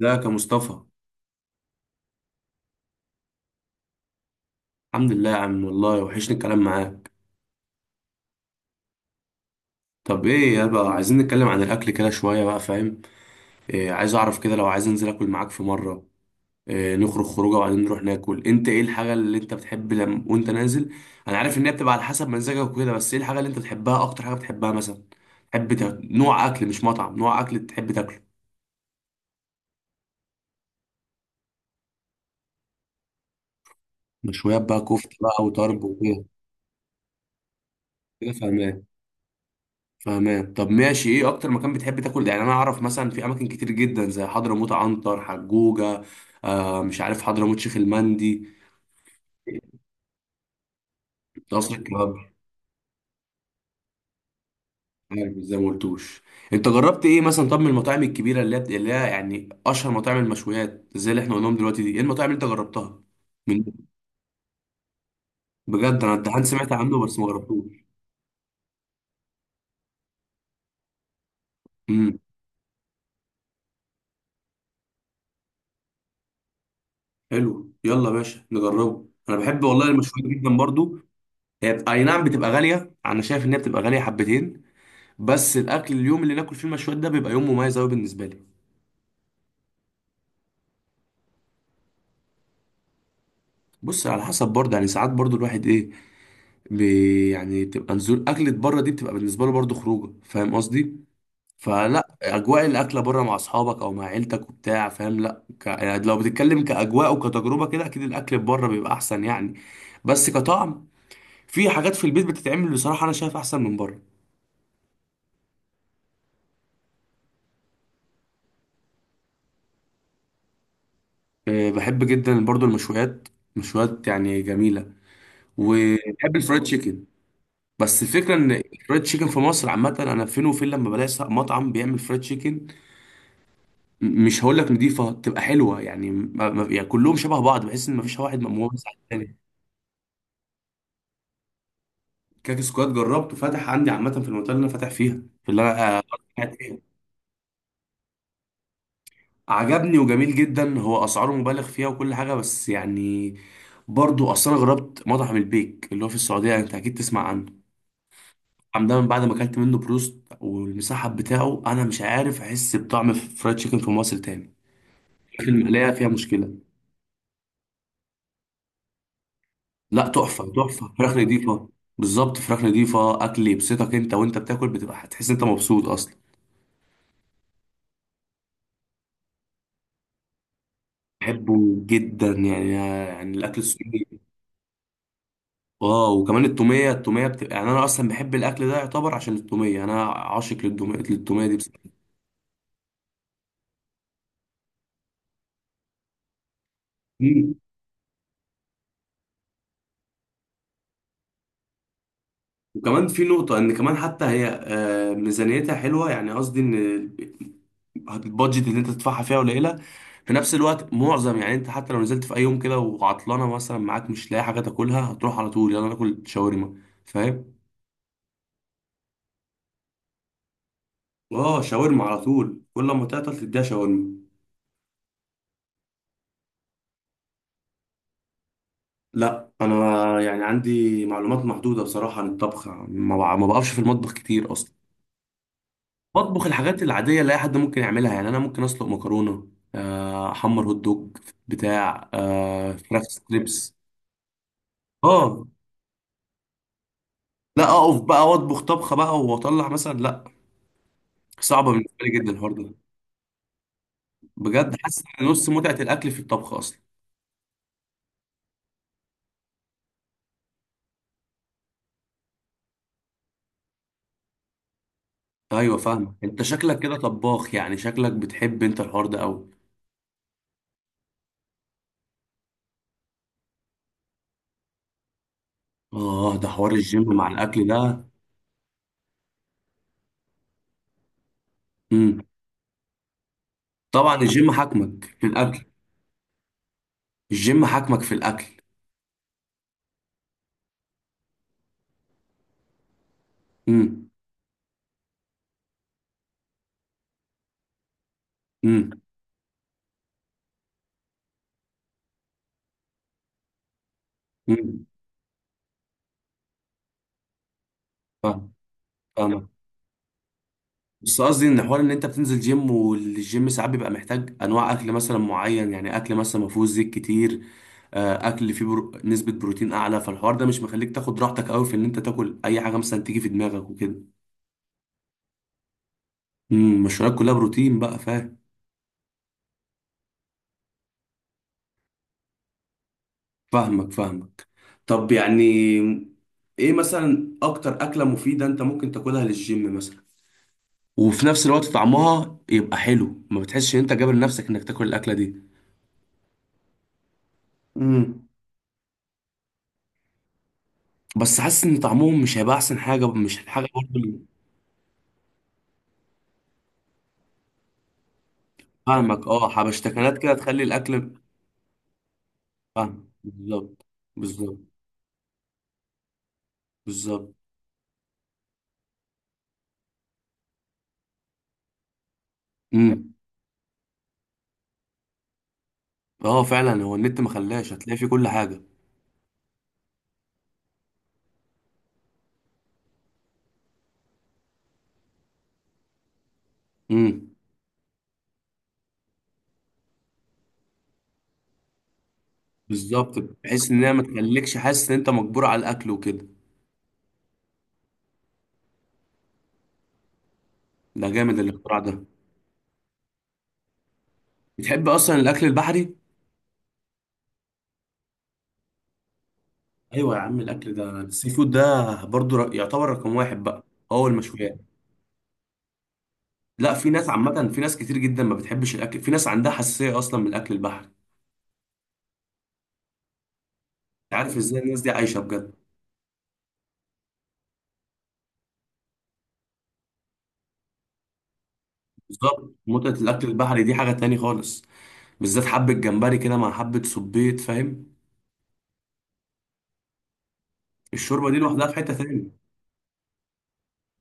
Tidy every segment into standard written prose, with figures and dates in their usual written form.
ازيك يا مصطفى؟ الحمد لله يا عم، والله وحشني الكلام معاك. طب ايه يا بقى، عايزين نتكلم عن الاكل كده شويه بقى، فاهم؟ إيه، عايز اعرف كده لو عايز انزل اكل معاك في مره. إيه، نخرج خروجه وبعدين نروح ناكل، انت ايه الحاجه اللي انت بتحب لما وانت نازل؟ انا عارف ان هي بتبقى على حسب مزاجك وكده، بس ايه الحاجه اللي انت بتحبها، اكتر حاجه بتحبها مثلا؟ تحب نوع اكل، مش مطعم، نوع اكل تحب تاكله. مشويات بقى، كفته بقى وطرب وكده. كده، فاهم. فاهمان. طب ماشي، ايه اكتر مكان بتحب تاكل؟ يعني انا اعرف مثلا في اماكن كتير جدا زي حضرموت، عنتر، حجوجه. آه، مش عارف، حضرموت، شيخ المندي. قصر الكباب. عارف زي ما قلتوش. انت جربت ايه مثلا؟ طب من المطاعم الكبيره اللي هي اللي هي يعني اشهر مطاعم المشويات زي اللي احنا قلناهم دلوقتي دي، ايه المطاعم اللي انت جربتها؟ من؟ بجد، انا الدهان سمعت عنه بس ما جربتوش. امم. حلو، يلا يا باشا نجربه، انا بحب والله المشويات جدا برضو. هي اي نعم بتبقى غاليه، انا شايف ان هي بتبقى غاليه حبتين. بس الاكل، اليوم اللي ناكل فيه المشويات ده بيبقى يوم مميز قوي بالنسبه لي. بص، على حسب برضه، يعني ساعات برضه الواحد ايه. يعني تبقى نزول اكلة بره دي بتبقى بالنسبه له برضه خروجه، فاهم قصدي. فلا اجواء الاكله بره مع اصحابك او مع عيلتك وبتاع، فاهم؟ لا يعني لو بتتكلم كاجواء وكتجربه كده اكيد الاكل بره بيبقى احسن يعني. بس كطعم، في حاجات في البيت بتتعمل بصراحه انا شايف احسن من بره. أه، بحب جدا برضه المشويات. مشويات يعني، جميله. وبحب الفرايد تشيكن. بس الفكره ان الفرايد تشيكن في مصر عامه، انا فين وفين لما بلاقي مطعم بيعمل فرايد تشيكن. مش هقول لك نضيفه تبقى حلوه، يعني يعني كلهم شبه بعض، بحس ان مفيش واحد مميز عن التاني. كاك سكواد جربته، فتح عندي عامه في المنطقه اللي انا فاتح فيها. في اللي انا قاعد فيها. عجبني وجميل جدا، هو اسعاره مبالغ فيها وكل حاجه، بس يعني برضو اصل انا جربت مطعم البيك اللي هو في السعوديه، انت اكيد تسمع عنه. المطعم ده من بعد ما اكلت منه بروست والمسحب بتاعه، انا مش عارف احس بطعم فرايد تشيكن في مصر تاني. في المقلايه فيها مشكله. لا، تحفه تحفه، فراخ نضيفه. بالظبط، فراخ نضيفه، اكل يبسطك انت وانت بتاكل، بتبقى هتحس انت مبسوط اصلا. بحبه جدا يعني الاكل السوري. اه، وكمان التوميه بتبقى يعني، انا اصلا بحب الاكل ده يعتبر عشان التوميه، انا عاشق للتوميه دي. بصراحه وكمان في نقطة إن كمان حتى هي ميزانيتها حلوة، يعني قصدي إن البادجت اللي أنت تدفعها فيها قليلة. في نفس الوقت معظم يعني، أنت حتى لو نزلت في أي يوم كده وعطلانة مثلا معاك مش لاقي حاجة تاكلها، هتروح على طول، يلا ناكل شاورما. فاهم؟ آه، شاورما على طول، كل ما تعطل تديها شاورما. لا أنا يعني عندي معلومات محدودة بصراحة عن الطبخ، ما بقفش في المطبخ كتير أصلا. بطبخ الحاجات العادية اللي أي حد ممكن يعملها، يعني أنا ممكن أسلق مكرونة، أحمر هوت دوج، بتاع فراخ ستريبس. آه، لا أقف بقى وأطبخ طبخة بقى وأطلع مثلا، لا. صعبة بالنسبة لي جدا الحوار ده. بجد حاسس إن نص متعة الأكل في الطبخ أصلا. أيوة فاهمة، أنت شكلك كده طباخ يعني، شكلك بتحب أنت الحوار ده أوي. آه، ده حوار الجيم مع الأكل ده. مم. طبعا الجيم حاكمك في الأكل. الجيم حاكمك في الأكل. امم. امم. امم. فاهم. فاهم. بس قصدي ان حوار ان انت بتنزل جيم، والجيم ساعات بيبقى محتاج انواع اكل مثلا معين، يعني اكل مثلا ما فيهوش زيت كتير. اكل فيه نسبة بروتين اعلى، فالحوار ده مش مخليك تاخد راحتك قوي في ان انت تاكل اي حاجة مثلا تيجي في دماغك وكده. المشويات كلها بروتين بقى، فاهم. فاهمك، فاهمك. طب يعني، ايه مثلا اكتر اكلة مفيدة انت ممكن تاكلها للجيم مثلا؟ وفي نفس الوقت طعمها يبقى حلو، ما بتحسش ان انت جابر نفسك انك تاكل الاكلة دي. امم. بس حاسس ان طعمهم مش هيبقى احسن حاجه، مش الحاجه برضه فاهمك، اه، حبشتكنات كده تخلي الاكل. فاهم، بالظبط. بالظبط. بالظبط. امم. اه، فعلا، هو النت ما خلاش، هتلاقي فيه كل حاجه. امم. بالظبط، بحيث ان هي ما تخليكش حاسس ان انت مجبور على الاكل وكده. ده جامد الاختراع ده. بتحب اصلا الاكل البحري؟ ايوه يا عم، الاكل ده، السي فود ده برضه يعتبر رقم واحد بقى. هو المشويات. لا، في ناس عامه، في ناس كتير جدا ما بتحبش الاكل، في ناس عندها حساسيه اصلا من الاكل البحري. عارف ازاي الناس دي عايشه بجد؟ بالظبط، متعه الاكل البحري دي حاجه تاني خالص. بالذات حبه جمبري كده مع حبه صبيط، فاهم. الشوربه دي لوحدها في حته تاني.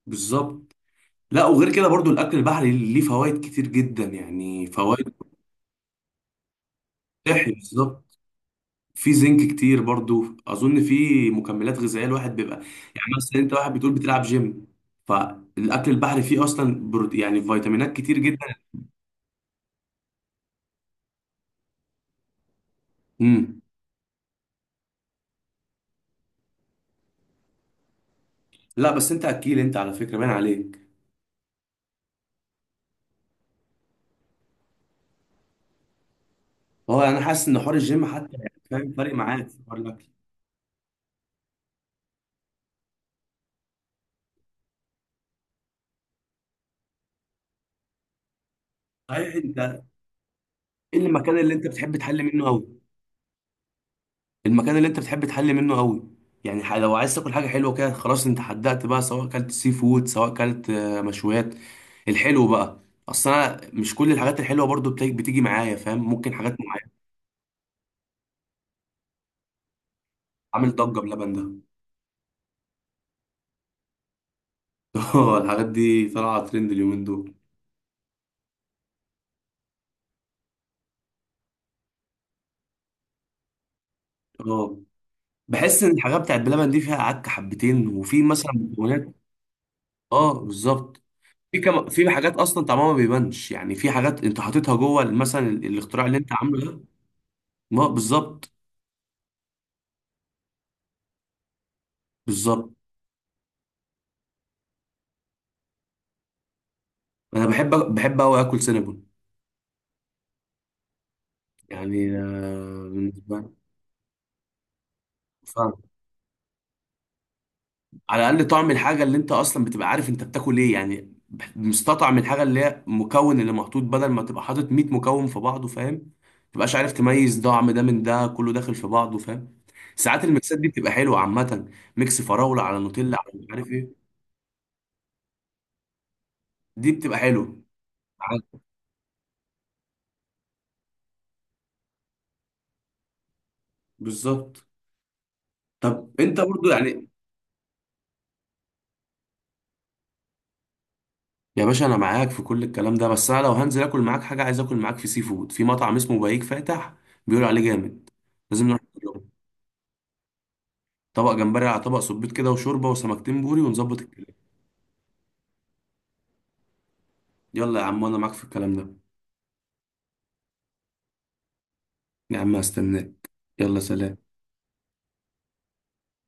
بالظبط. لا، وغير كده برضو الاكل البحري ليه فوائد كتير جدا، يعني فوائد. صحي، بالظبط. في زنك كتير برضو، اظن في مكملات غذائيه الواحد بيبقى، يعني مثلا انت واحد بتقول بتلعب جيم، فالاكل البحري فيه اصلا يعني فيتامينات كتير جدا. امم. لا، بس انت اكيل، انت على فكره باين عليك. هو انا حاسس ان حوار الجيم حتى يعني، فاهم، فارق معاك في حوار الاكل. صحيح انت، ايه المكان اللي انت بتحب تحل منه قوي؟ المكان اللي انت بتحب تحل منه قوي، يعني لو عايز تاكل حاجه حلوه كده، خلاص انت حددت بقى، سواء اكلت سي فود سواء اكلت مشويات. الحلو بقى، اصل انا مش كل الحاجات الحلوه برضو بتيجي معايا، فاهم، ممكن حاجات معينه. عامل ضجه بلبن ده. اه، الحاجات دي طالعه ترند اليومين دول. اه، بحس ان الحاجات بتاعت بلبن دي فيها عك حبتين، وفي مثلا مكونات. اه، بالظبط. في كم، في حاجات اصلا طعمها ما بيبانش، يعني في حاجات انت حاططها جوه مثلا الاختراع اللي انت عامله ده. ما بالظبط. بالظبط. انا بحب قوي اكل سينابون. يعني بالنسبه لي فعلا، على الاقل طعم الحاجه اللي انت اصلا بتبقى عارف انت بتاكل ايه، يعني مستطعم الحاجه اللي هي المكون اللي محطوط، بدل ما تبقى حاطط 100 مكون في بعضه، فاهم، ما تبقاش عارف تميز طعم ده من ده، كله داخل في بعضه، فاهم. ساعات الميكسات دي بتبقى حلوه عامه، ميكس فراوله على نوتيلا على مش عارف ايه. دي بتبقى حلوه. بالظبط. طب انت برضو يعني، يا باشا انا معاك في كل الكلام ده، بس انا لو هنزل اكل معاك حاجه عايز اكل معاك في سي فود، في مطعم اسمه بهيج فاتح، بيقولوا عليه جامد، لازم نروح نجربه. طبق جمبري على طبق صبيط كده، وشوربه وسمكتين بوري، ونظبط الكلام. يلا يا عم، انا معاك في الكلام ده. يا عم هستناك. يلا سلام.